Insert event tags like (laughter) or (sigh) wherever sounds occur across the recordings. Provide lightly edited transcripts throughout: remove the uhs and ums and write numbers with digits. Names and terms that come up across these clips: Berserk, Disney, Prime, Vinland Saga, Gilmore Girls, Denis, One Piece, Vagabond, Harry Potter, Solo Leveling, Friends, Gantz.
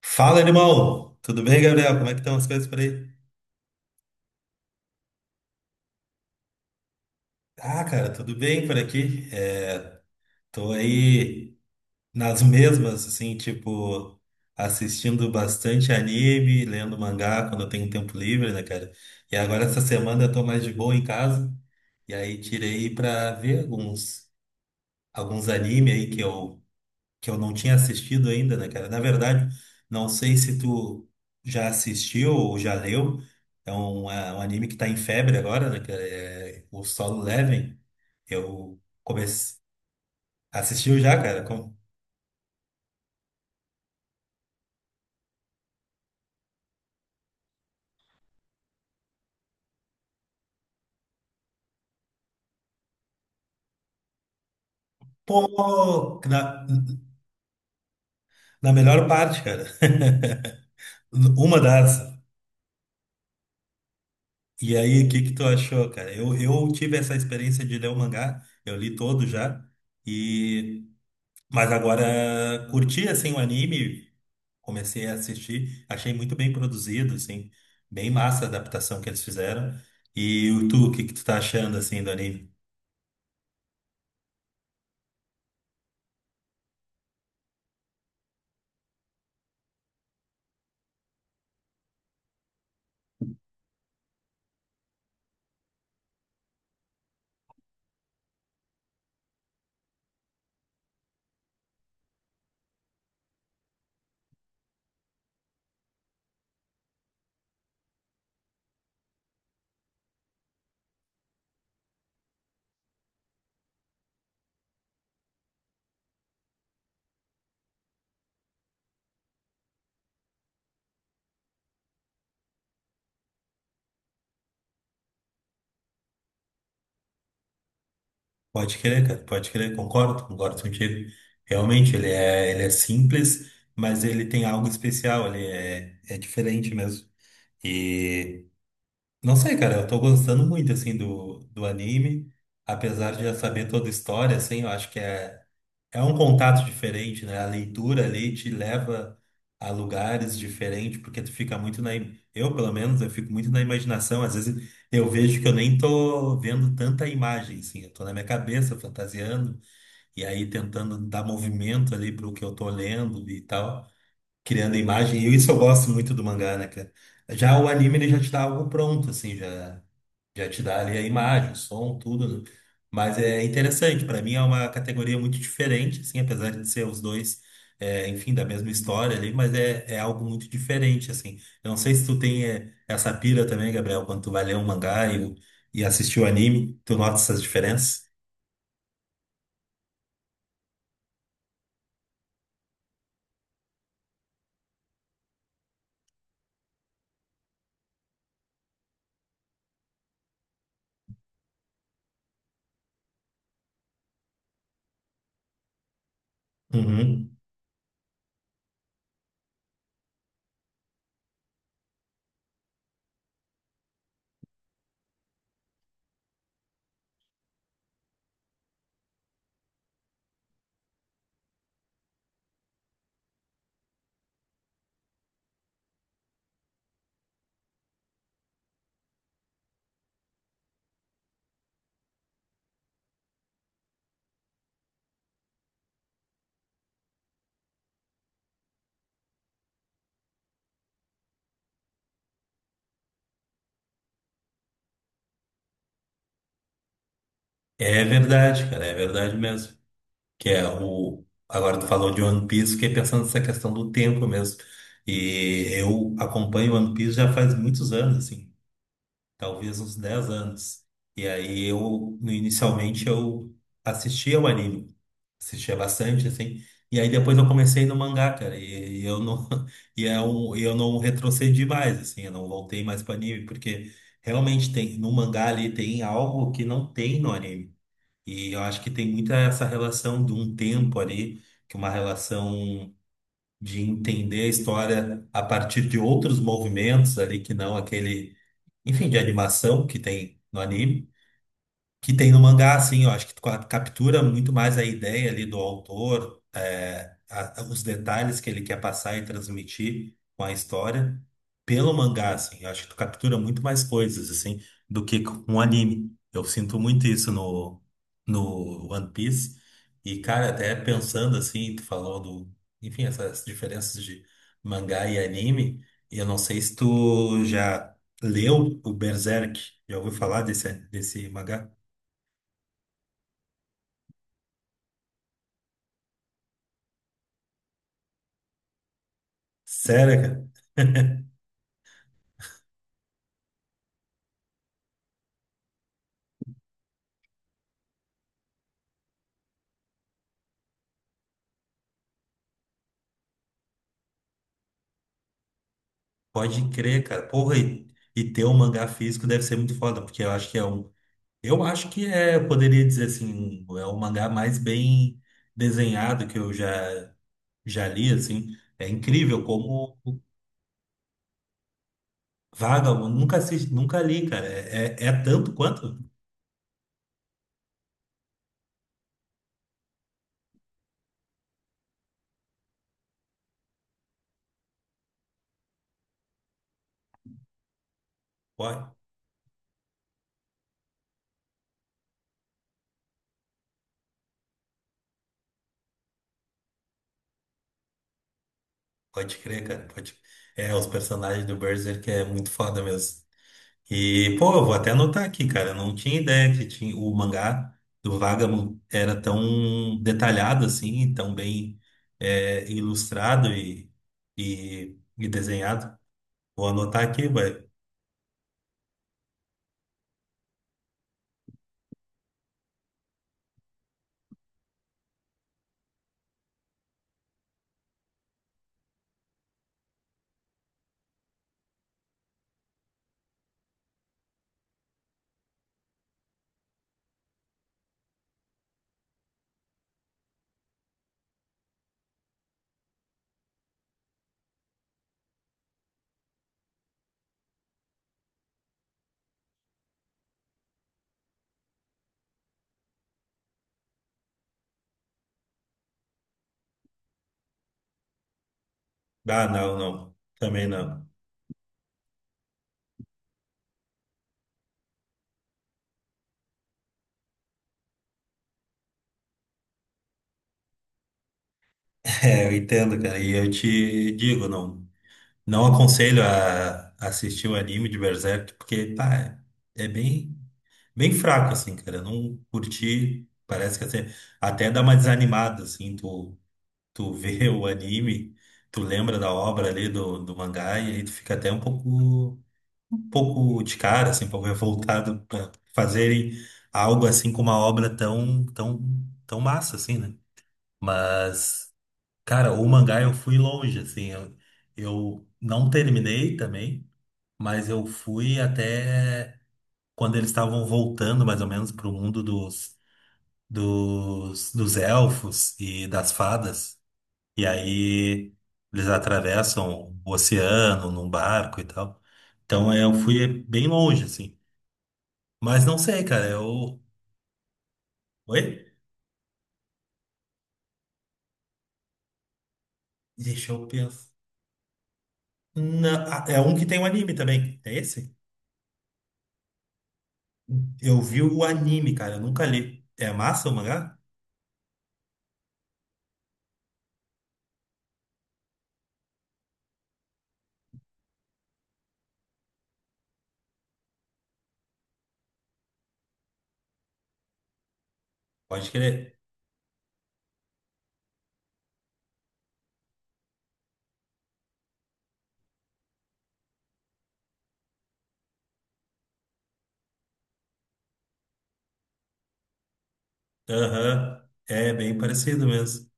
Fala, irmão! Tudo bem, Gabriel? Como é que estão as coisas por aí? Ah, cara, tudo bem por aqui. É, tô aí nas mesmas, assim, tipo, assistindo bastante anime, lendo mangá quando eu tenho tempo livre, né, cara? E agora essa semana eu tô mais de boa em casa, e aí tirei pra ver alguns anime aí que eu não tinha assistido ainda, né, cara? Na verdade, não sei se tu já assistiu ou já leu. É um anime que tá em febre agora, né, cara? É o Solo Leveling. Eu comecei. Assistiu já, cara? Pô! Na melhor parte, cara. (laughs) Uma das. E aí, o que que tu achou, cara? Eu tive essa experiência de ler o mangá, eu li todo já, e mas agora curti assim o anime, comecei a assistir, achei muito bem produzido, assim, bem massa a adaptação que eles fizeram. E o tu, o que que tu tá achando, assim, do anime? Pode crer, cara, pode crer, concordo contigo. Realmente, ele é simples, mas ele tem algo especial, ele é diferente mesmo. E, não sei, cara, eu tô gostando muito, assim, do anime, apesar de já saber toda a história, assim, eu acho que É um contato diferente, né? A leitura ali te leva a lugares diferentes, porque tu fica muito. Eu, pelo menos, eu fico muito na imaginação. Às vezes eu vejo que eu nem tô vendo tanta imagem, assim. Eu tô na minha cabeça fantasiando, e aí tentando dar movimento ali pro que eu tô lendo e tal criando imagem. E isso eu gosto muito do mangá, né, cara? Já o anime, ele já te dá algo pronto, assim, já te dá ali a imagem, o som, tudo, né? Mas é interessante, para mim é uma categoria muito diferente, assim, apesar de ser os dois, enfim, da mesma história ali, mas é algo muito diferente, assim. Eu não sei se tu tem essa pira também, Gabriel, quando tu vai ler um mangá e assistir o anime, tu nota essas diferenças? Uhum. É verdade, cara, é verdade mesmo. Que é o. Agora tu falou de One Piece, fiquei pensando nessa questão do tempo mesmo. E eu acompanho One Piece já faz muitos anos, assim, talvez uns 10 anos. E aí eu, no- inicialmente, eu assistia o anime, assistia bastante, assim. E aí depois eu comecei no mangá, cara, e eu não (laughs) e eu não retrocedi mais, assim, eu não voltei mais para anime, porque realmente tem no mangá ali tem algo que não tem no anime. E eu acho que tem muita essa relação de um tempo ali, que uma relação de entender a história a partir de outros movimentos ali, que não aquele, enfim, de animação que tem no anime que tem no mangá, assim, eu acho que captura muito mais a ideia ali do autor, os detalhes que ele quer passar e transmitir com a história pelo mangá, assim, eu acho que tu captura muito mais coisas, assim, do que com o anime. Eu sinto muito isso no One Piece. E, cara, até pensando assim, tu falou enfim, essas diferenças de mangá e anime, e eu não sei se tu já leu o Berserk, já ouviu falar desse mangá? Sério, cara? (laughs) Pode crer, cara. Porra, e ter um mangá físico deve ser muito foda, porque eu acho que é um. Eu acho que eu poderia dizer assim, é o mangá mais bem desenhado que eu já li, assim. É incrível como. Eu nunca assisti, nunca li, cara. É tanto quanto? Pode, pode crer, cara. É, os personagens do Berserk é muito foda mesmo. E, pô, eu vou até anotar aqui, cara. Eu não tinha ideia que tinha, o mangá do Vagabond era tão detalhado assim, tão bem ilustrado e desenhado. Vou anotar aqui, vai. Ah, não, não. Também não. (laughs) É, eu entendo, cara. E eu te digo, não aconselho a assistir o anime de Berserk, porque, pá, é bem, bem fraco, assim, cara. Eu não curti. Parece que assim, até dá uma desanimada, assim, tu vê (laughs) o anime, tu lembra da obra ali do mangá e aí tu fica até um pouco de cara, assim, um pouco revoltado para fazerem algo assim com uma obra tão, tão, tão massa, assim, né? Mas, cara, o mangá eu fui longe, assim, eu não terminei também, mas eu fui até quando eles estavam voltando mais ou menos pro mundo dos elfos e das fadas. E aí eles atravessam o oceano num barco e tal. Então eu fui bem longe, assim. Mas não sei, cara. Eu. Oi? Deixa eu pensar. Ah, é um que tem um anime também. É esse? Eu vi o anime, cara. Eu nunca li. É massa o mangá? Pode crer. Aham. É bem parecido mesmo.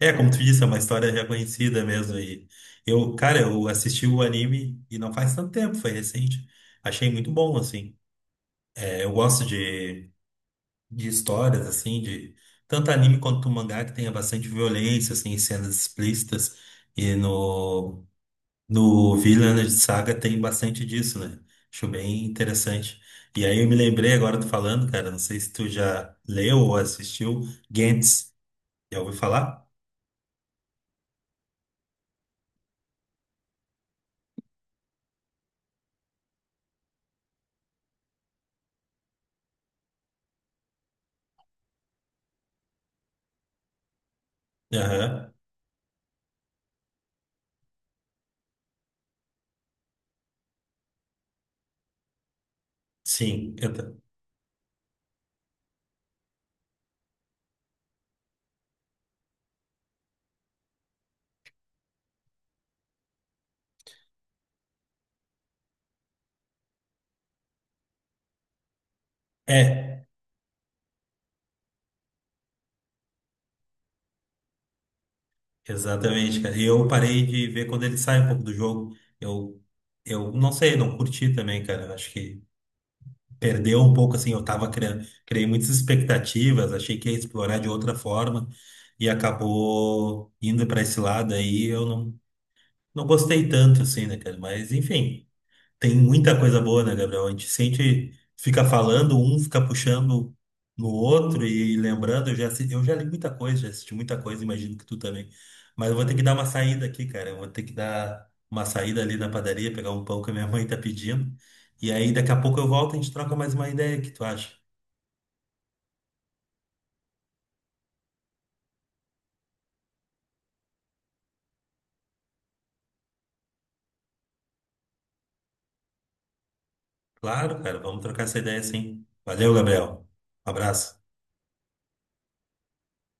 É, como tu disse, é uma história já conhecida mesmo. E eu, cara, eu assisti o anime e não faz tanto tempo, foi recente. Achei muito bom, assim. É, eu gosto de histórias, assim, de tanto anime quanto mangá, que tenha bastante violência, assim, cenas explícitas. E no Vinland Saga tem bastante disso, né? Acho bem interessante. E aí eu me lembrei agora do falando, cara, não sei se tu já leu ou assistiu Gantz. Já ouviu falar? Aham. Sim. É, exatamente, cara. E eu parei de ver quando ele sai um pouco do jogo. Eu não sei, não curti também, cara. Eu acho que perdeu um pouco, assim, eu criei muitas expectativas, achei que ia explorar de outra forma e acabou indo para esse lado aí, eu não gostei tanto, assim, né, cara? Mas, enfim. Tem muita coisa boa, né, Gabriel? A gente sente, fica falando, um fica puxando no outro e lembrando. Eu já li muita coisa, já assisti muita coisa, imagino que tu também. Mas eu vou ter que dar uma saída aqui, cara. Eu vou ter que dar uma saída ali na padaria, pegar um pão que a minha mãe tá pedindo. E aí daqui a pouco eu volto e a gente troca mais uma ideia, o que tu acha? Claro, cara, vamos trocar essa ideia sim. Valeu, Gabriel. Um abraço.